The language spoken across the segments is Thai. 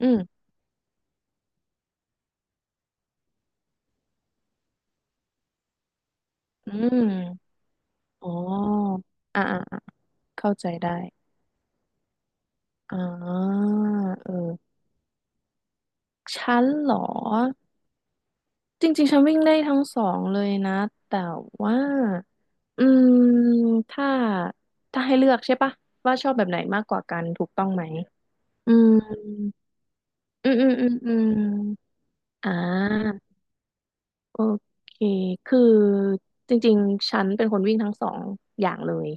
อืม อืม อ๋ออ่าอ่าอ่าเข้าใจได้อ่าเออฉันเหรอ จริงๆฉันวิ่งได้ทั้งสองเลยนะ แต่ว่า อืม ถ้า ถ้าให้เลือกใช่ปะว่าชอบแบบไหนมากกว่ากัน ถูกต้องไหม อืม อืม อืม อืมอืมอ่า โอเค คือจริงๆ ฉันเป็นคนวิ่งทั้งสองอย่างเลย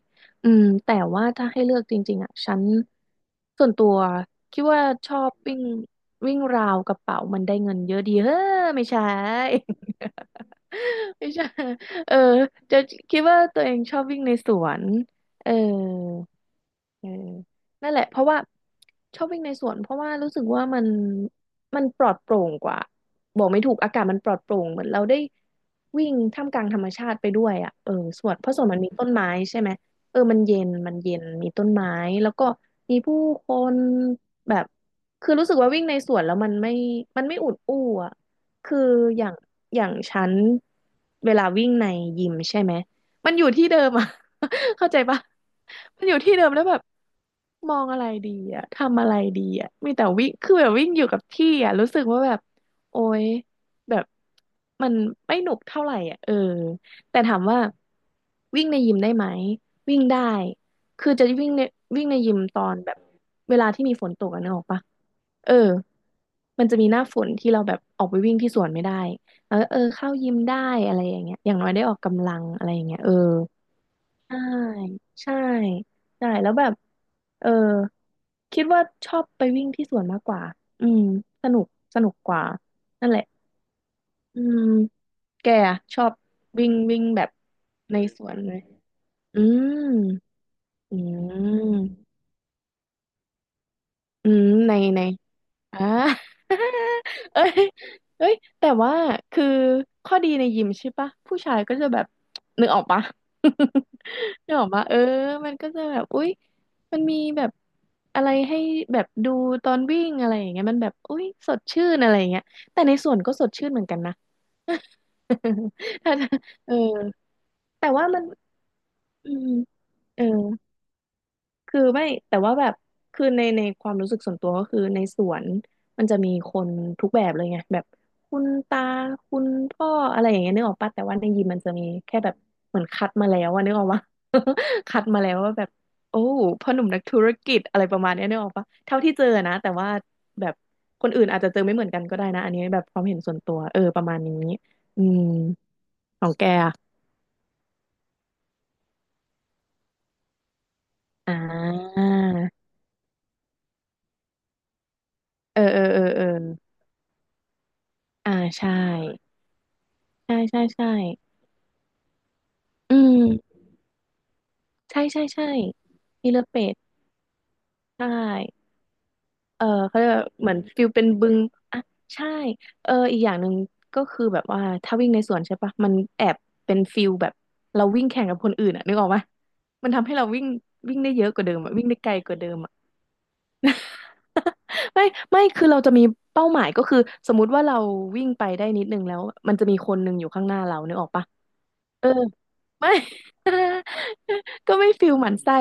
แต่ว่าถ้าให้เลือกจริงๆอ่ะฉันส่วนตัวคิดว่าชอบวิ่งวิ่งราวกระเป๋ามันได้เงินเยอะดีเฮ้อไม่ใช่ ไม่ใช่เออจะคิดว่าตัวเองชอบวิ่งในสวนเออ เออนั่นแหละเพราะว่าชอบวิ่งในสวนเพราะว่ารู้สึกว่ามันปลอดโปร่งกว่าบอกไม่ถูกอากาศมันปลอดโปร่งเหมือนเราได้วิ่งท่ามกลางธรรมชาติไปด้วยอ่ะเออสวนเพราะสวนมันมีต้นไม้ใช่ไหมเออมันเย็นมันเย็นมีต้นไม้แล้วก็มีผู้คนแบบคือรู้สึกว่าวิ่งในสวนแล้วมันไม่อุดอู้อ่ะคืออย่างอย่างฉันเวลาวิ่งในยิมใช่ไหม มันอยู่ที่เดิมอะ เข้าใจปะมันอยู่ที่เดิมแล้วแบบมองอะไรดีอะทำอะไรดีอะมีแต่วิ่งคือแบบวิ่งอยู่กับที่อะรู้สึกว่าแบบโอ๊ยแบบมันไม่หนุกเท่าไหร่อะเออแต่ถามว่าวิ่งในยิมได้ไหม วิ่งได้ คือจะวิ่งในยิมตอนแบบเวลาที่มีฝนตกอะนึกออกปะ เออมันจะมีหน้าฝนที่เราแบบออกไปวิ่งที่สวนไม่ได้แล้วเออเข้ายิมได้อะไรอย่างเงี้ยอย่างน้อยได้ออกกำลังอะไรอย่างเงี้ยเออใช่ใช่ ใช่ แล้วแบบเออคิดว่าชอบไปวิ่งที่สวนมากกว่าอืมสนุกสนุกกว่า นั่นแหละอืมแกอะชอบวิ่งวิ่งแบบในสวนไหมอืมอืมอืมในใน อ่า เอ้ยเอ้ยแต่ว่าคือข้อดีในยิมใช่ปะผู้ชายก็จะแบบนึกออกปะ นึกออกปะเออมันก็จะแบบอุ๊ยมันมีแบบอะไรให้แบบดูตอนวิ่งอะไรอย่างเงี้ยมันแบบอุ๊ยสดชื่นอะไรอย่างเงี้ยแต่ในส่วนก็สดชื่นเหมือนกันนะ ถ้าเออแต่ว่ามันอืมเออ คือไม่แต่ว่าแบบคือในความรู้สึกส่วนตัวก็คือในสวนมันจะมีคนทุกแบบเลยไงแบบคุณตาคุณพ่ออะไรอย่างเงี้ยนึกออกปะแต่ว่าในยิมมันจะมีแค่แบบเหมือนคัดมาแล้วอะนึกออกปะ คัดมาแล้วว่าแบบโอ้พ่อหนุ่มนักธุรกิจอะไรประมาณเนี้ยนึกออกปะเท่าที่เจอนะแต่ว่าแบบคนอื่นอาจจะเจอไม่เหมือนกันก็ได้นะอันนี้แบบความเห็นส่วนตัวเออประมาณนี้อืมของแกอะอ่าเออเออเออเอออ่าใช่ใช่ใช่ใช่ อืมใช่ใช่ใช่มีเรือเป็ดใช่เออเขาเรียกว่าเหมือนฟิลเป็นบึงอ่ะใช่เอออีกอย่างหนึ่งก็คือแบบว่าถ้าวิ่งในสวนใช่ปะมันแอบเป็นฟิลแบบเราวิ่งแข่งกับคนอื่นอะนึกออกปะมันทำให้เราวิ่งวิ่งได้เยอะกว่าเดิมอะวิ่งได้ไกลกว่าเดิม ไม่ไม่คือเราจะมีเป้าหมายก็คือสมมุติว่าเราวิ่งไปได้นิดนึงแล้วมันจะมีคนหนึ่งอยู่ข้างหน้าเรานึกออกปะเออไม่ ก็ไม่ฟิลหมั่นไส้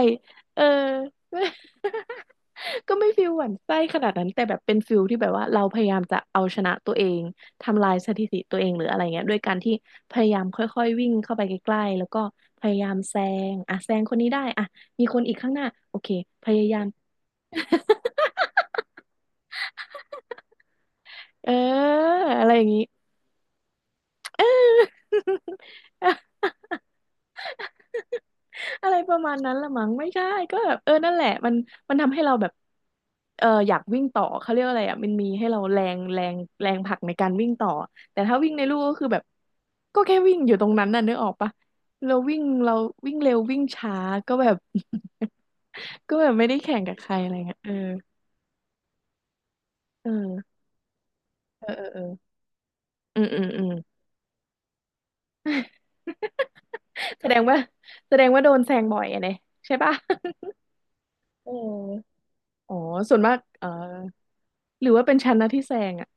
เออ ไม่ ก็ไม่ฟิลหวั่นไส้ขนาดนั้นแต่แบบเป็นฟิลที่แบบว่าเราพยายามจะเอาชนะตัวเองทำลายสถิติตัวเองหรืออะไรเงี้ยด้วยการที่พยายามค่อยๆวิ่งเข้าไปใกล้ๆแล้วก็พยายามแซงอ่ะแซงคนนี้ได้อ่ะมีคนอีกข้างหน้าโอเคพยายาม เอออะไรอย่างงี้ เอออะไรประมาณนั้นละมั้งไม่ใช่ก็แบบเออนั่นแหละมันมันทำให้เราแบบเอออยากวิ่งต่อเขาเรียกว่าอะไรอ่ะมันมีให้เราแรงแรงแรงผลักในการวิ่งต่อแต่ถ้าวิ่งในลู่ก็คือแบบก็แค่วิ่งอยู่ตรงนั้นน่ะนึกออกปะเราวิ่งเร็ววิ่งช้าก็แบบ ก็แบบไม่ได้แข่งกับใครอะไรเงี้ยเออเออเออเออเอออืมอืมอืม แสดงว่าแสดงว่าโดนแซงบ่อยอะเนี่ยใช่ปะ เอออ๋อส่วนมากเออหรือว่าเป็นฉันนะที่แซงอ่ะ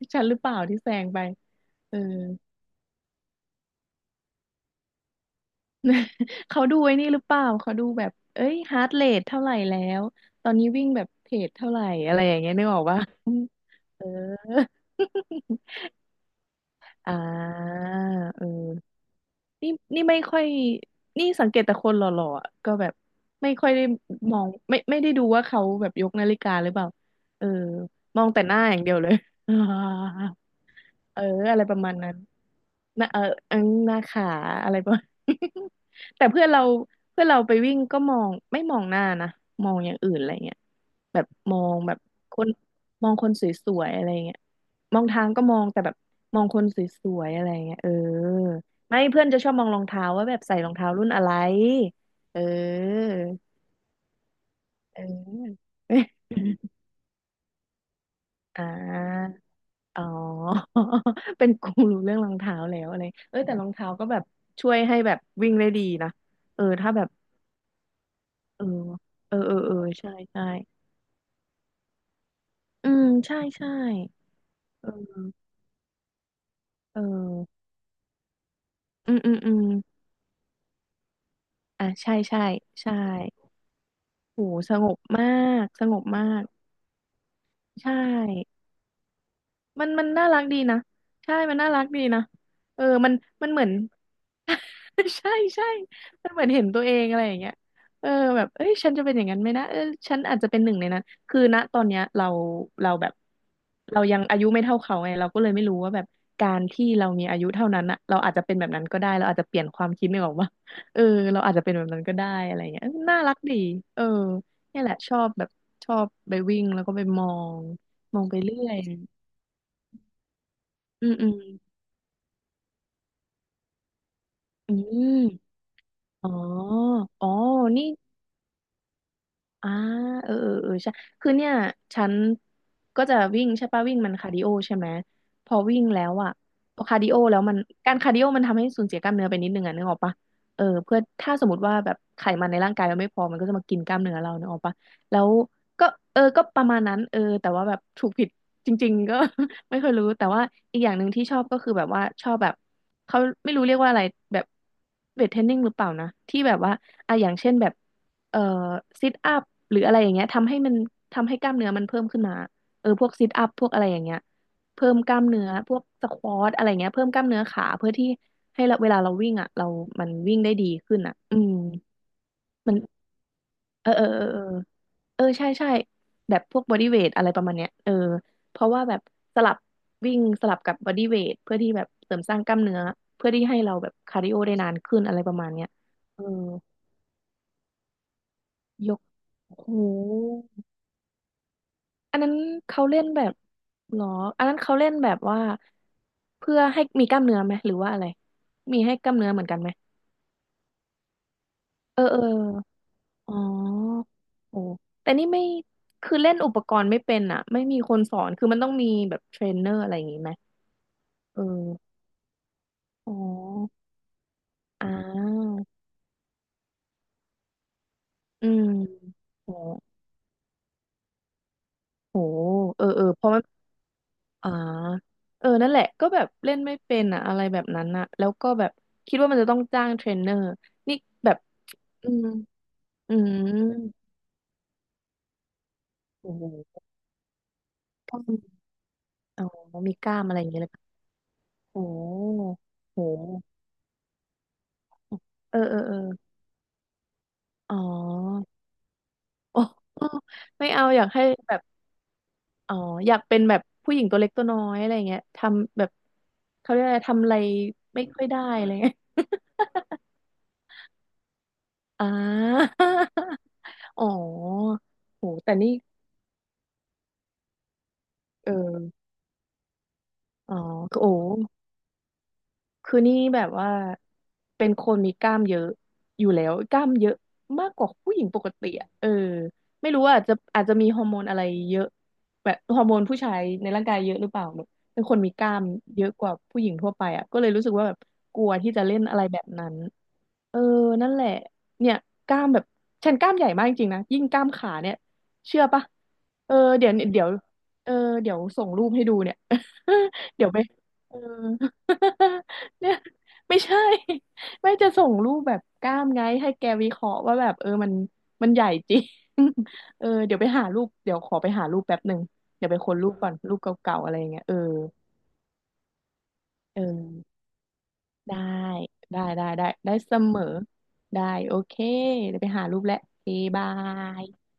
ฉันหรือเปล่าที่แซงไปเออ เขาดูไอ้นี่หรือเปล่าเขาดูแบบเอ้ยฮาร์ทเรทเท่าไหร่แล้วตอนนี้วิ่งแบบเพจเท่าไหร่อะไรอย่างเงี้ยนึกออกปะ เออ อ่าเออ นี่ไม่ค่อยนี่สังเกตแต่คนหล่อๆอะก็แบบไม่ค่อยได้มองไม่ได้ดูว่าเขาแบบยกนาฬิกาหรือเปล่าเออมองแต่หน้าอย่างเดียวเลย เอออะไรประมาณนั้นนะเออเอิงหน้าขาอะไรประมาณ แต่เพื่อนเราไปวิ่งก็มองไม่มองหน้านะมองอย่างอื่นอะไรเงี้ยแบบมองแบบคนมองคนสวยๆอะไรเงี้ยมองทางก็มองแต่แบบมองคนสวยๆอะไรเงี้ยเออไม่เพื่อนจะชอบมองรองเท้าว่าแบบใส่รองเท้ารุ่นอะไรเออเออ อ่า อ๋อ เป็นกูรู้เรื่องรองเท้าแล้วอะไรเอ้ยแต่รองเท้าก็แบบช่วยให้แบบวิ่งได้ดีนะ เออถ้าแบบเออเออเออเออใช่ใช่อืมใช่ใช่เออเอออืมอืมอืมอ่ะใช่ใช่ใช่โหสงบมากสงบมากใช่ มันมันน่ารักดีนะใช่มันน่ารักดีนะเออมันมันเหมือน ใช่ใช่มันเหมือนเห็นตัวเองอะไรอย่างเงี้ยเออแบบเอ้ยฉันจะเป็นอย่างนั้นไหมนะเออฉันอาจจะเป็นหนึ่งในนั้นคือณตอนเนี้ยเราแบบเรายังอายุไม่เท่าเขาไงเราก็เลยไม่รู้ว่าแบบการที่เรามีอายุเท่านั้นอะเราอาจจะเป็นแบบนั้นก็ได้เราอาจจะเปลี่ยนความคิดนึกออกปะเออเราอาจจะเป็นแบบนั้นก็ได้อะไรอย่างเงี้ยเออน่ารักดีเออเนี่ยแหละชอบแบบชอบไปวิ่งแล้วก็ไปมองมองไปเรื่อย อืมอืมอืมอ๋ออ๋อนี่ อ่าเออเออเออใช่คือเนี่ยฉันก็จะวิ่งใช่ป่ะวิ่งมันคาร์ดิโอใช่ไหมพอวิ่งแล้วอ่ะพอคาร์ดิโอแล้วการคาร์ดิโอมันทำให้สูญเสียกล้ามเนื้อไปนิดนึงอ่ะนึกออกป่ะเออเพื่อถ้าสมมติว่าแบบไขมันในร่างกายเราไม่พอมันก็จะมากินกล้ามเนื้อเรานึกออกป่ะแล้วก็เออก็ประมาณนั้นเออแต่ว่าแบบถูกผิดจริงๆก็ ไม่เคอยรู้แต่ว่าอีกอย่างหนึ่งที่ชอบก็คือแบบว่าชอบแบบเขาไม่รู้เรียกว่าอะไรแบบเวทเทรนนิ่งหรือเปล่านะที่แบบว่าอ่ะอย่างเช่นแบบ เอ่อซิทอัพหรืออะไรอย่างเงี้ยทำให้มันทำให้กล้ามเนื้อมันเพิ่มขึ้นมาเออพวกซิทอัพพวกอะไรอย่างเงี้ยเพิ่มกล้ามเนื้อพวกสควอทอะไรเงี้ยเพิ่มกล้ามเนื้อขาเพื่อที่ให้เราเวลาเราวิ่งอ่ะเรามันวิ่งได้ดีขึ้นอ่ะอืมมันเออเออเออเออเออใช่ใช่แบบพวกบอดี้เวทอะไรประมาณเนี้ยเออเพราะว่าแบบสลับวิ่งสลับกับบอดี้เวทเพื่อที่แบบเสริมสร้างกล้ามเนื้อเพื่อที่ให้เราแบบคาร์ดิโอได้นานขึ้นอะไรประมาณเนี้ยเออยกโอ้โห อันนั้นเขาเล่นแบบหรออันนั้นเขาเล่นแบบว่าเพื่อให้มีกล้ามเนื้อไหมหรือว่าอะไรมีให้กล้ามเนื้อเหมือนกันไหมเออเอออ๋อโอ้แต่นี่ไม่คือเล่นอุปกรณ์ไม่เป็นอ่ะไม่มีคนสอนคือมันต้องมีแบบเทรนเนอร์อะไรอย่างงี้ไหมเอออ๋ออ่าอืมโอ้โหเออเออเพราะ อ่าเออนั่นแหละก็แบบเล่นไม่เป็นอ่ะอะไรแบบนั้นอ่ะแล้วก็แบบคิดว่ามันจะต้องจ้างเทรนเนอร์นี่แบบอืมอืมโอ้โหกล้ามอ๋อมีกล้ามอะไรอย่างเงี้ยเลยปะโอ้โหเออเออเอออ๋อโอ้ไม่เอาอยากให้แบบอ๋ออยากเป็นแบบผู้หญิงตัวเล็กตัวน้อยอะไรเงี้ยทำแบบเขาเรียกอะไรทำอะไรไม่ค่อยได้อะไรเงี้ยอ่า อ๋อโหแต่นี่เออ อ๋อคือโอ้คือนี่แบบว่าเป็นคนมีกล้ามเยอะอยู่แล้วกล้ามเยอะมากกว่าผู้หญิงปกติอะเออไม่รู้ว่าอาจจะมีฮอร์โมนอะไรเยอะแบบฮอร์โมนผู้ชายในร่างกายเยอะหรือเปล่าแบบเป็นคนมีกล้ามเยอะกว่าผู้หญิงทั่วไปอะก็เลยรู้สึกว่าแบบกลัวที่จะเล่นอะไรแบบนั้น เออนั่นแหละเนี่ยกล้ามแบบฉันกล้ามใหญ่มากจริงๆนะยิ่งกล้ามขาเนี่ยเชื่อปะเออเดี๋ยวเออเดี๋ยวส่งรูปให้ดูเนี่ย เดี๋ยวไปเออ เนี่ยไม่ใช่ไม่จะส่งรูปแบบกล้ามไงให้แกวิเคราะห์ว่าแบบเออมันมันใหญ่จริง เออเดี๋ยวไปหารูปเดี๋ยวขอไปหารูปแป๊บหนึ่งเดี๋ยวไปค้นรูปก่อนรูปเก่าๆอะไรอย่างเงี้ยเออเออ ได้ได้เสมอได้โอเคเดี๋ยวไปหารูปแล้วโอเคบาย